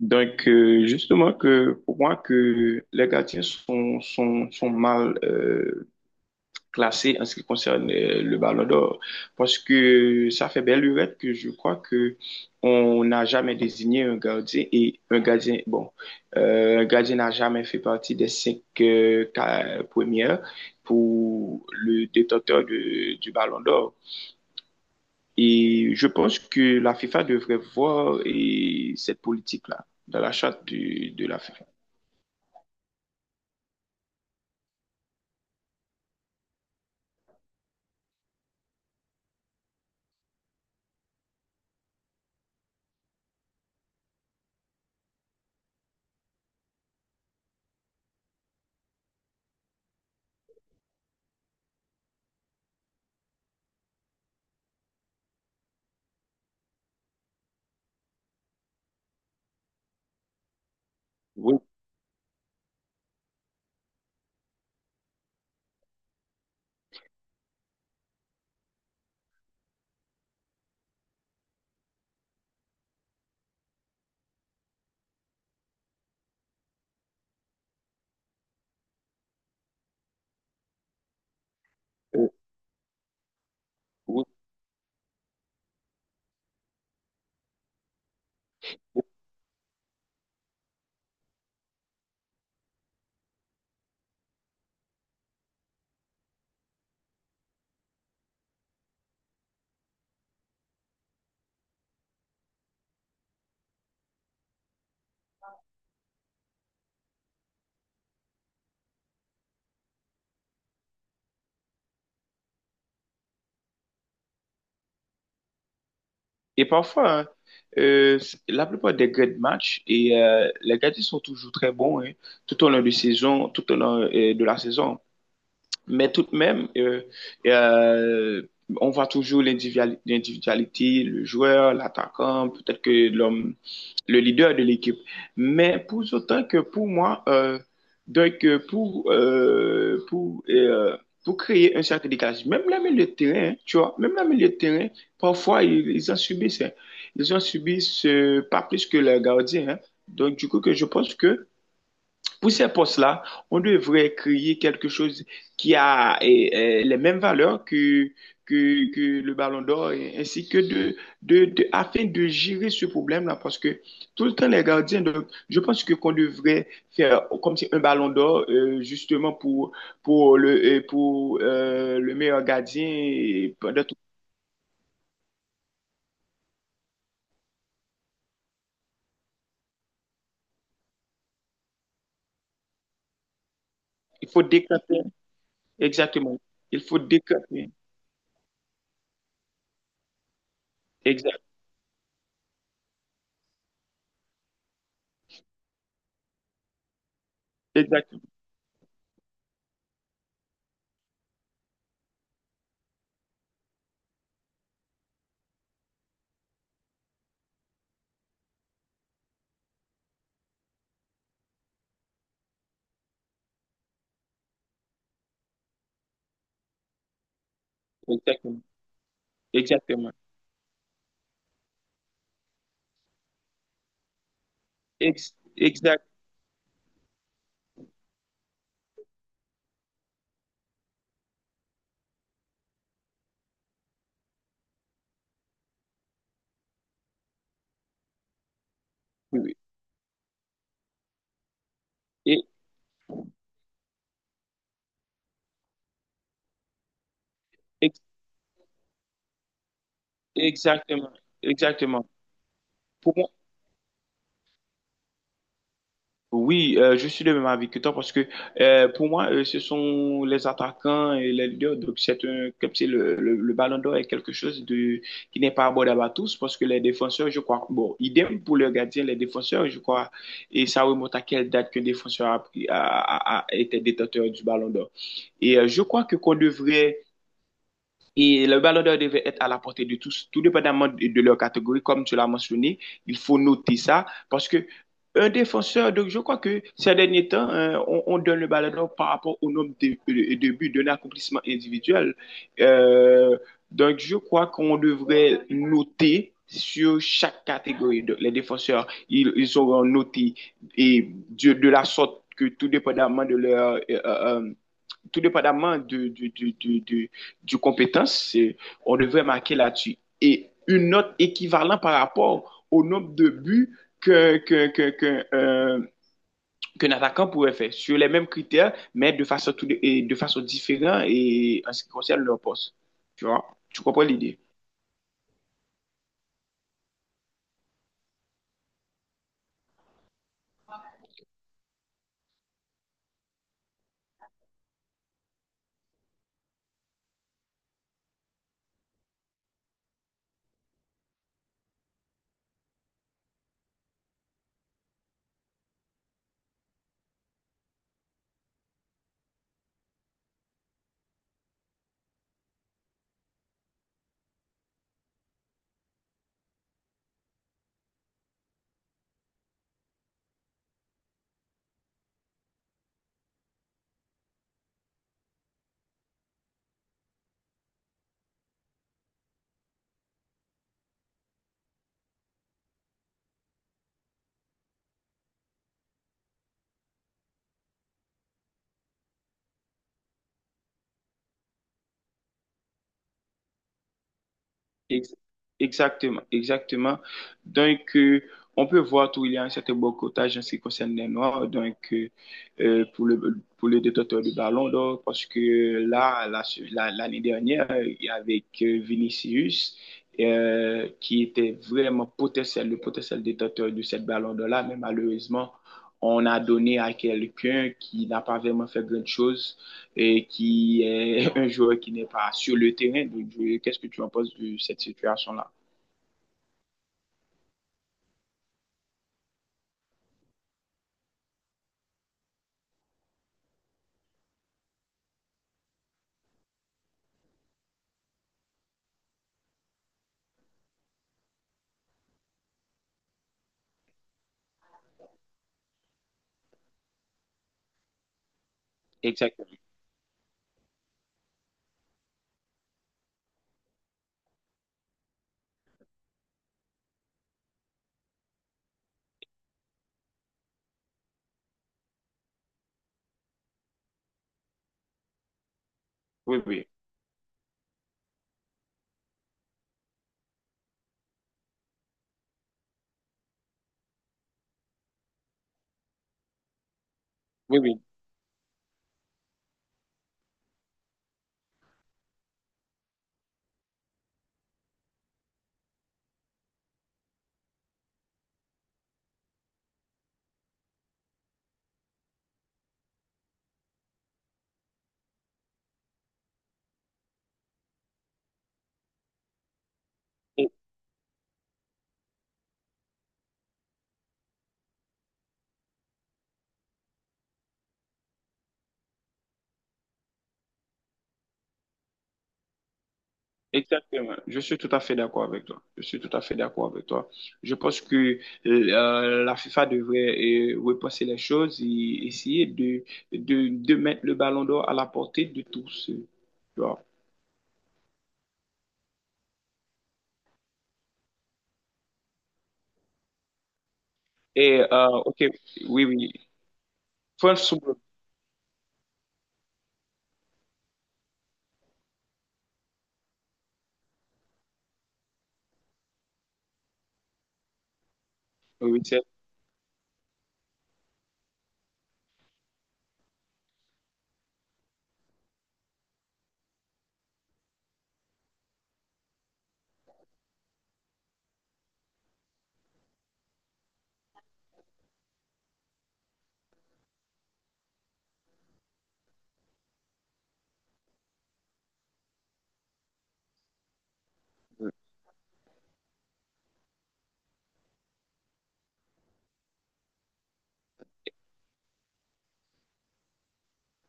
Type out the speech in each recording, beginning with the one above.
Justement, que pour moi, que les gardiens sont mal classés en ce qui concerne le Ballon d'Or, parce que ça fait belle lurette que je crois que on n'a jamais désigné un gardien et un gardien, bon, un gardien n'a jamais fait partie des cinq premières pour le du Ballon d'Or. Et je pense que la FIFA devrait voir et cette politique-là dans la charte de la FIFA. Oui, euh, oui. Et parfois, hein, la plupart des grands matchs, et les gardiens sont toujours très bons, hein, tout au long de saison, tout au long de la saison. Mais tout de même, euh, on voit toujours l'individualité, le joueur, l'attaquant, peut-être que l'homme le leader de l'équipe. Mais pour autant que pour moi, donc euh, pour, euh, pour, euh, pour créer un cercle de même la milieu de terrain, hein, tu vois, même la milieu de terrain, parfois ils ont subi ça. Ils ont subi ce, pas plus que le gardien, hein. Donc du coup, que je pense que pour ces postes-là, on devrait créer quelque chose qui a les mêmes valeurs que le Ballon d'Or, ainsi que afin de gérer ce problème-là, parce que tout le temps, les gardiens, donc, je pense que qu'on devrait faire comme si un Ballon d'Or, justement, pour le, pour, le meilleur gardien, et pendant tout. Il faut décanter, exactement. Il faut décanter, exact, exactement, exactement, exactement, exact. Oui. Ex- Exactement, exactement. Pour moi, oui, je suis de même avis que toi parce que pour moi, ce sont les attaquants et les leaders. Donc, c'est un, comme si le ballon d'or est quelque chose de, qui n'est pas abordable à tous parce que les défenseurs, je crois, bon, idem pour le gardien, les défenseurs, je crois, et ça remonte à quelle date qu'un défenseur a, pris- a, a- a été détenteur du ballon d'or. Et je crois que qu'on devrait. Et le ballon d'or devait être à la portée de tous, tout dépendamment de leur catégorie, comme tu l'as mentionné. Il faut noter ça parce que un défenseur, donc je crois que ces derniers temps, hein, on donne le ballon d'or par rapport au nombre de buts, d'un accomplissement individuel. Euh, donc je crois qu'on devrait noter sur chaque catégorie. Donc, les défenseurs, ils auront noté et de la sorte que tout dépendamment de leur tout dépendamment de du compétence, on devrait marquer là-dessus. Et une note équivalente par rapport au nombre de buts qu'un que, qu'un attaquant pourrait faire, sur les mêmes critères, mais de façon, tout, et de façon différente et en ce qui concerne leur poste. Tu vois? Tu comprends l'idée? Ex- Exactement, exactement. Donc, on peut voir qu'il y a un certain boycottage en ce qui concerne les Noirs, donc, pour le détenteur du ballon d'or, parce que là, l'année dernière, avec Vinicius, qui était vraiment potentiel, le potentiel détenteur de cette ballon d'or-là, mais malheureusement, on a donné à quelqu'un qui n'a pas vraiment fait grand chose et qui est un joueur qui n'est pas sur le terrain. Donc, je- qu'est-ce que tu en penses de cette situation-là? Exactement. Oui, oui. Oui, oui. E- Exactement. Je suis tout à fait d'accord avec toi. Je suis tout à fait d'accord avec toi. Je pense que la FIFA devrait repenser les choses et essayer de mettre le ballon d'or à la portée de tous. Tu vois. Et, OK, oui, oui. Faut le soulever. Oui, c'est-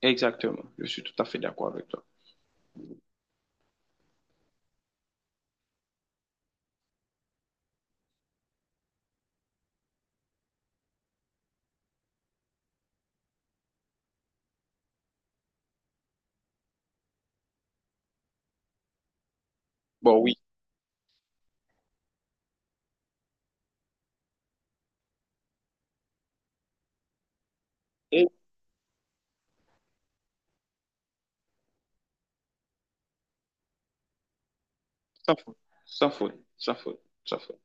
Exactement. Je suis tout à fait d'accord avec toi. Bon, oui. Sans faute, sans faute, sans faute, sans faute.